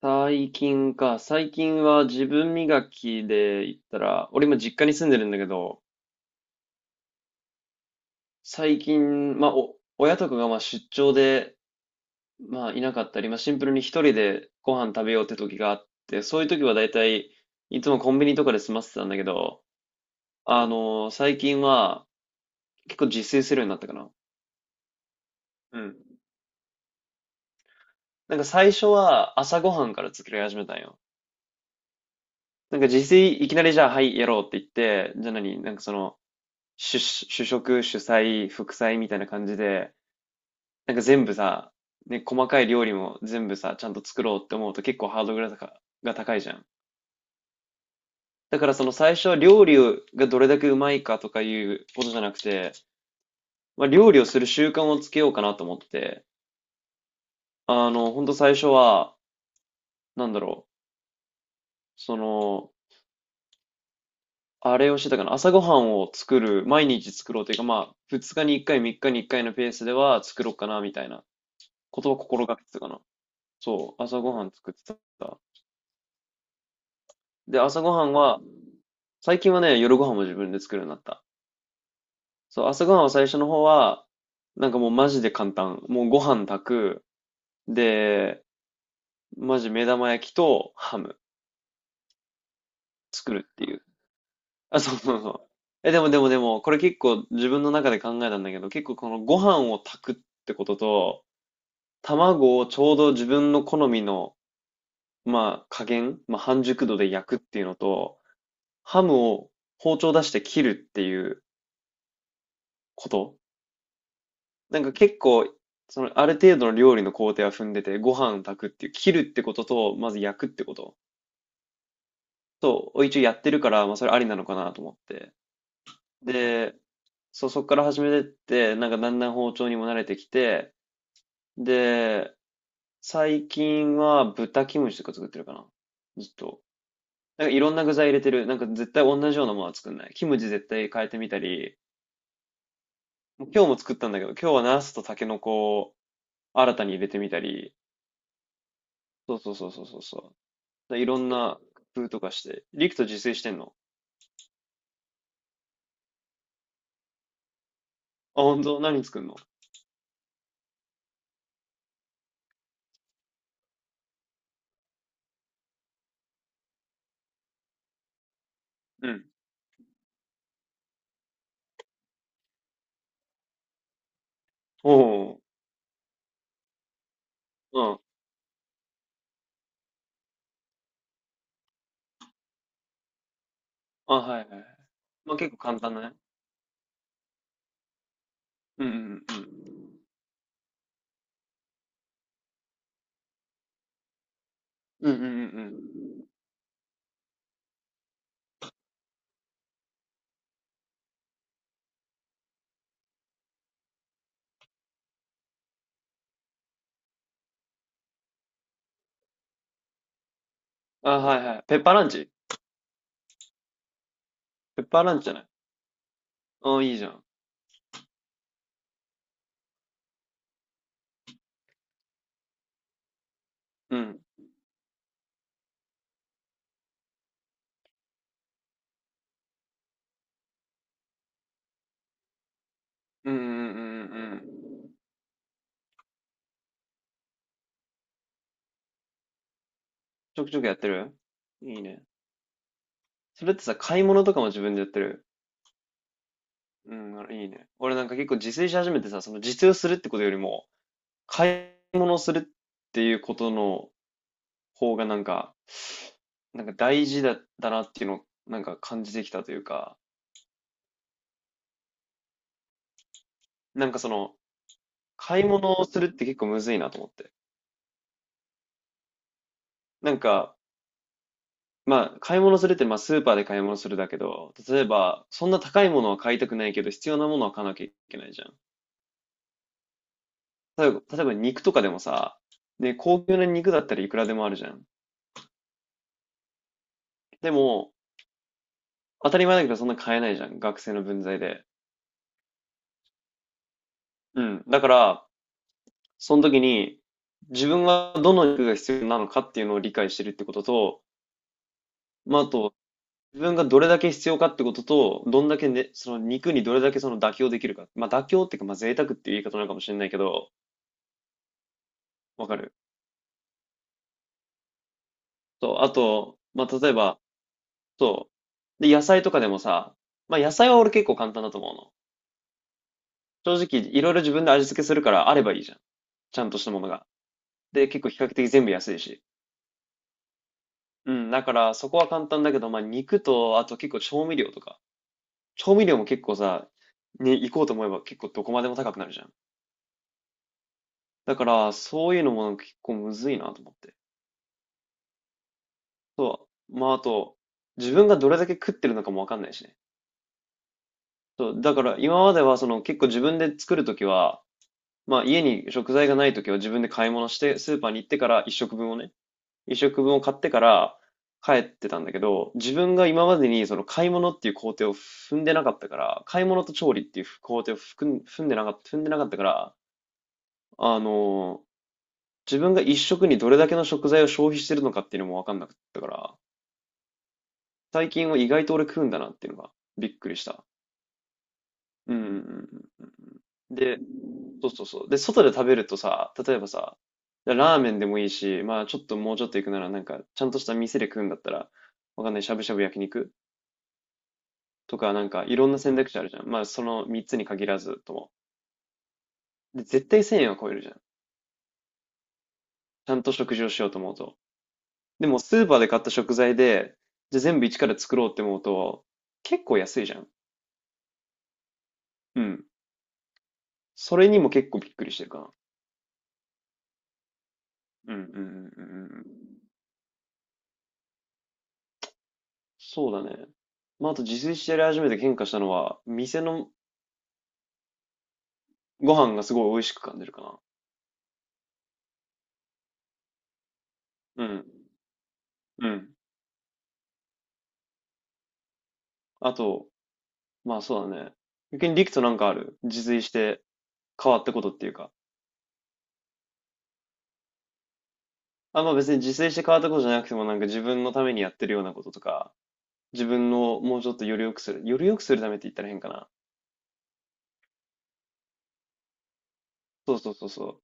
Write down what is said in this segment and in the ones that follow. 最近か。最近は自分磨きで言ったら、俺今実家に住んでるんだけど、最近、まあ、親とかがまあ出張で、まあ、いなかったり、まあ、シンプルに一人でご飯食べようって時があって、そういう時は大体、いつもコンビニとかで済ませてたんだけど、最近は結構自炊するようになったかな。うん。なんか最初は朝ごはんから作り始めたんよ。なんか自炊いきなりじゃあ、はい、やろうって言って、じゃあなんかその、主食、主菜、副菜みたいな感じで、なんか全部さ、ね、細かい料理も全部さ、ちゃんと作ろうって思うと結構ハードルが高いじゃん。だからその最初は料理がどれだけうまいかとかいうことじゃなくて、まあ、料理をする習慣をつけようかなと思って、あの、ほんと最初は、なんだろう、その、あれをしてたかな、朝ごはんを作る、毎日作ろうというか、まあ、2日に1回、3日に1回のペースでは作ろうかなみたいなことを心がけてたかな。そう、朝ごはん作ってた。で、朝ごはんは、最近はね、夜ごはんも自分で作るようになった。そう、朝ごはんは最初の方は、なんかもうマジで簡単。もうご飯炊く。で、マジ目玉焼きとハム作るっていう。あ、そうそうそう。え、でもでもでも、これ結構自分の中で考えたんだけど、結構このご飯を炊くってことと、卵をちょうど自分の好みの、まあ加減、まあ半熟度で焼くっていうのと、ハムを包丁出して切るっていうこと。なんか結構、その、ある程度の料理の工程は踏んでて、ご飯炊くっていう、切るってことと、まず焼くってこと。と、一応やってるから、まあそれありなのかなと思って。で、そう、そっから始めてって、なんかだんだん包丁にも慣れてきて、で、最近は豚キムチとか作ってるかな。ずっと。なんかいろんな具材入れてる。なんか絶対同じようなものは作んない。キムチ絶対変えてみたり、今日も作ったんだけど、今日はナスとタケノコ新たに入れてみたり、そうそうそうそうそうそう。でいろんな工夫とかして。リクト自炊してんの？あ、本当何作んの？うん。おお、うん。あ、はいはい。まあ結構簡単だね。うんうんうんうん。うんうんうんうん。あ、はいはい。ペッパーランチ。ペッパーランチじゃない？あ、いいじゃん。うん。うんうんうんうんうん。ちょくちょくやってる？いいね。それってさ、買い物とかも自分でやってる？うん、あいいね。俺なんか結構自炊し始めてさ、その自炊をするってことよりも、買い物するっていうことの方がなんか、なんか大事だなっていうのをなんか感じてきたというか、なんかその、買い物をするって結構むずいなと思って。なんか、まあ、買い物するってまあスーパーで買い物するだけど、例えば、そんな高いものは買いたくないけど、必要なものは買わなきゃいけないじゃん。例えば肉とかでもさ、ね、高級な肉だったらいくらでもあるじゃん。でも、当たり前だけどそんな買えないじゃん。学生の分際で。うん。だから、その時に、自分はどの肉が必要なのかっていうのを理解してるってことと、まあ、あと、自分がどれだけ必要かってことと、どんだけね、その肉にどれだけその妥協できるか。まあ、妥協っていうか、まあ、贅沢っていう言い方なのかもしれないけど、わかる。と、あと、まあ、例えば、そう。で、野菜とかでもさ、まあ、野菜は俺結構簡単だと思うの。正直、いろいろ自分で味付けするからあればいいじゃん。ちゃんとしたものが。で、結構比較的全部安いし。うん、だからそこは簡単だけど、まあ、肉と、あと結構調味料とか。調味料も結構さ、ね、行こうと思えば結構どこまでも高くなるじゃん。だから、そういうのも結構むずいなと思って。そう。まあ、あと、自分がどれだけ食ってるのかもわかんないしね。そう。だから、今まではその結構自分で作るときは、まあ、家に食材がないときは自分で買い物して、スーパーに行ってから一食分を買ってから帰ってたんだけど、自分が今までにその買い物っていう工程を踏んでなかったから、買い物と調理っていう工程を踏んでなかったから、あの自分が一食にどれだけの食材を消費してるのかっていうのも分かんなかったから、最近は意外と俺食うんだなっていうのがびっくりした。うんうんうんうん。で、そうそうそう。で、外で食べるとさ、例えばさ、ラーメンでもいいし、まあちょっともうちょっと行くなら、なんかちゃんとした店で食うんだったら、わかんない、しゃぶしゃぶ焼肉とか、なんかいろんな選択肢あるじゃん。まあその3つに限らずとも。で、絶対1000円は超えるじゃん。ちゃんと食事をしようと思うと。でもスーパーで買った食材で、じゃあ全部一から作ろうって思うと、結構安いじゃん。うん。それにも結構びっくりしてるかな。うんうんうんうんうん。そうだね。まあ、あと自炊してやり始めて変化したのは、店のご飯がすごい美味しく感じるかな。うん。うん。あと、まあそうだね。逆にリクとなんかある自炊して変わったことっていうか。あ、まあ別に自炊して変わったことじゃなくてもなんか自分のためにやってるようなこととか、自分をもうちょっとより良くする。より良くするためって言ったら変かな。そうそうそうそ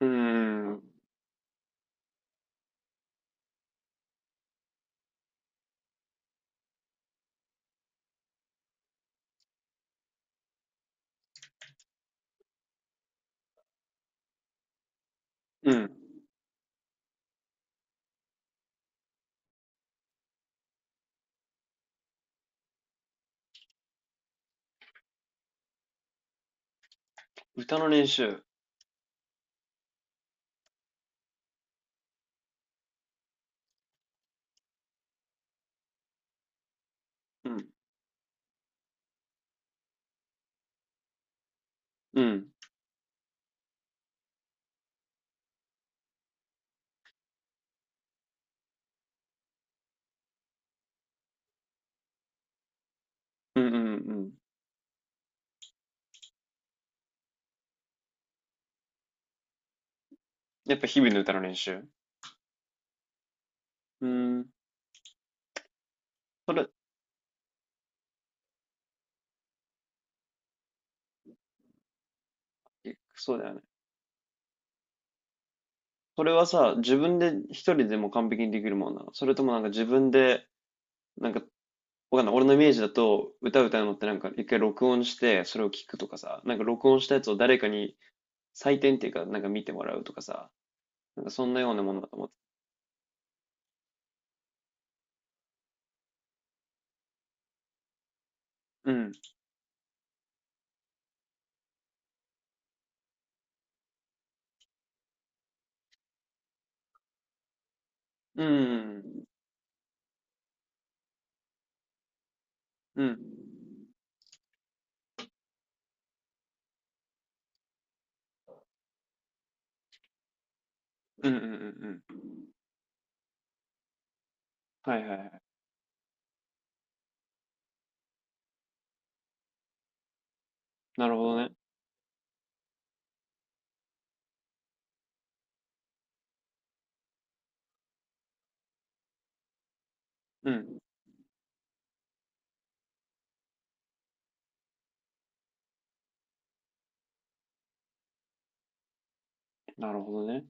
う。うーん。うん。歌の練習。うん。うん。うんうんうん。やっぱ日々の歌の練習。うーん。それ、えそうだよね。それはさ、自分で一人でも完璧にできるもんなの？それともなんか自分で、なんか、わかんない。俺のイメージだと、歌うのってなんか一回録音して、それを聞くとかさ、なんか録音したやつを誰かに採点っていうか、なんか見てもらうとかさ、なんかそんなようなものだと思って。うん。うん。うん。うんうんうんうん。はいはいはい。なるほどね。うん。なるほどね。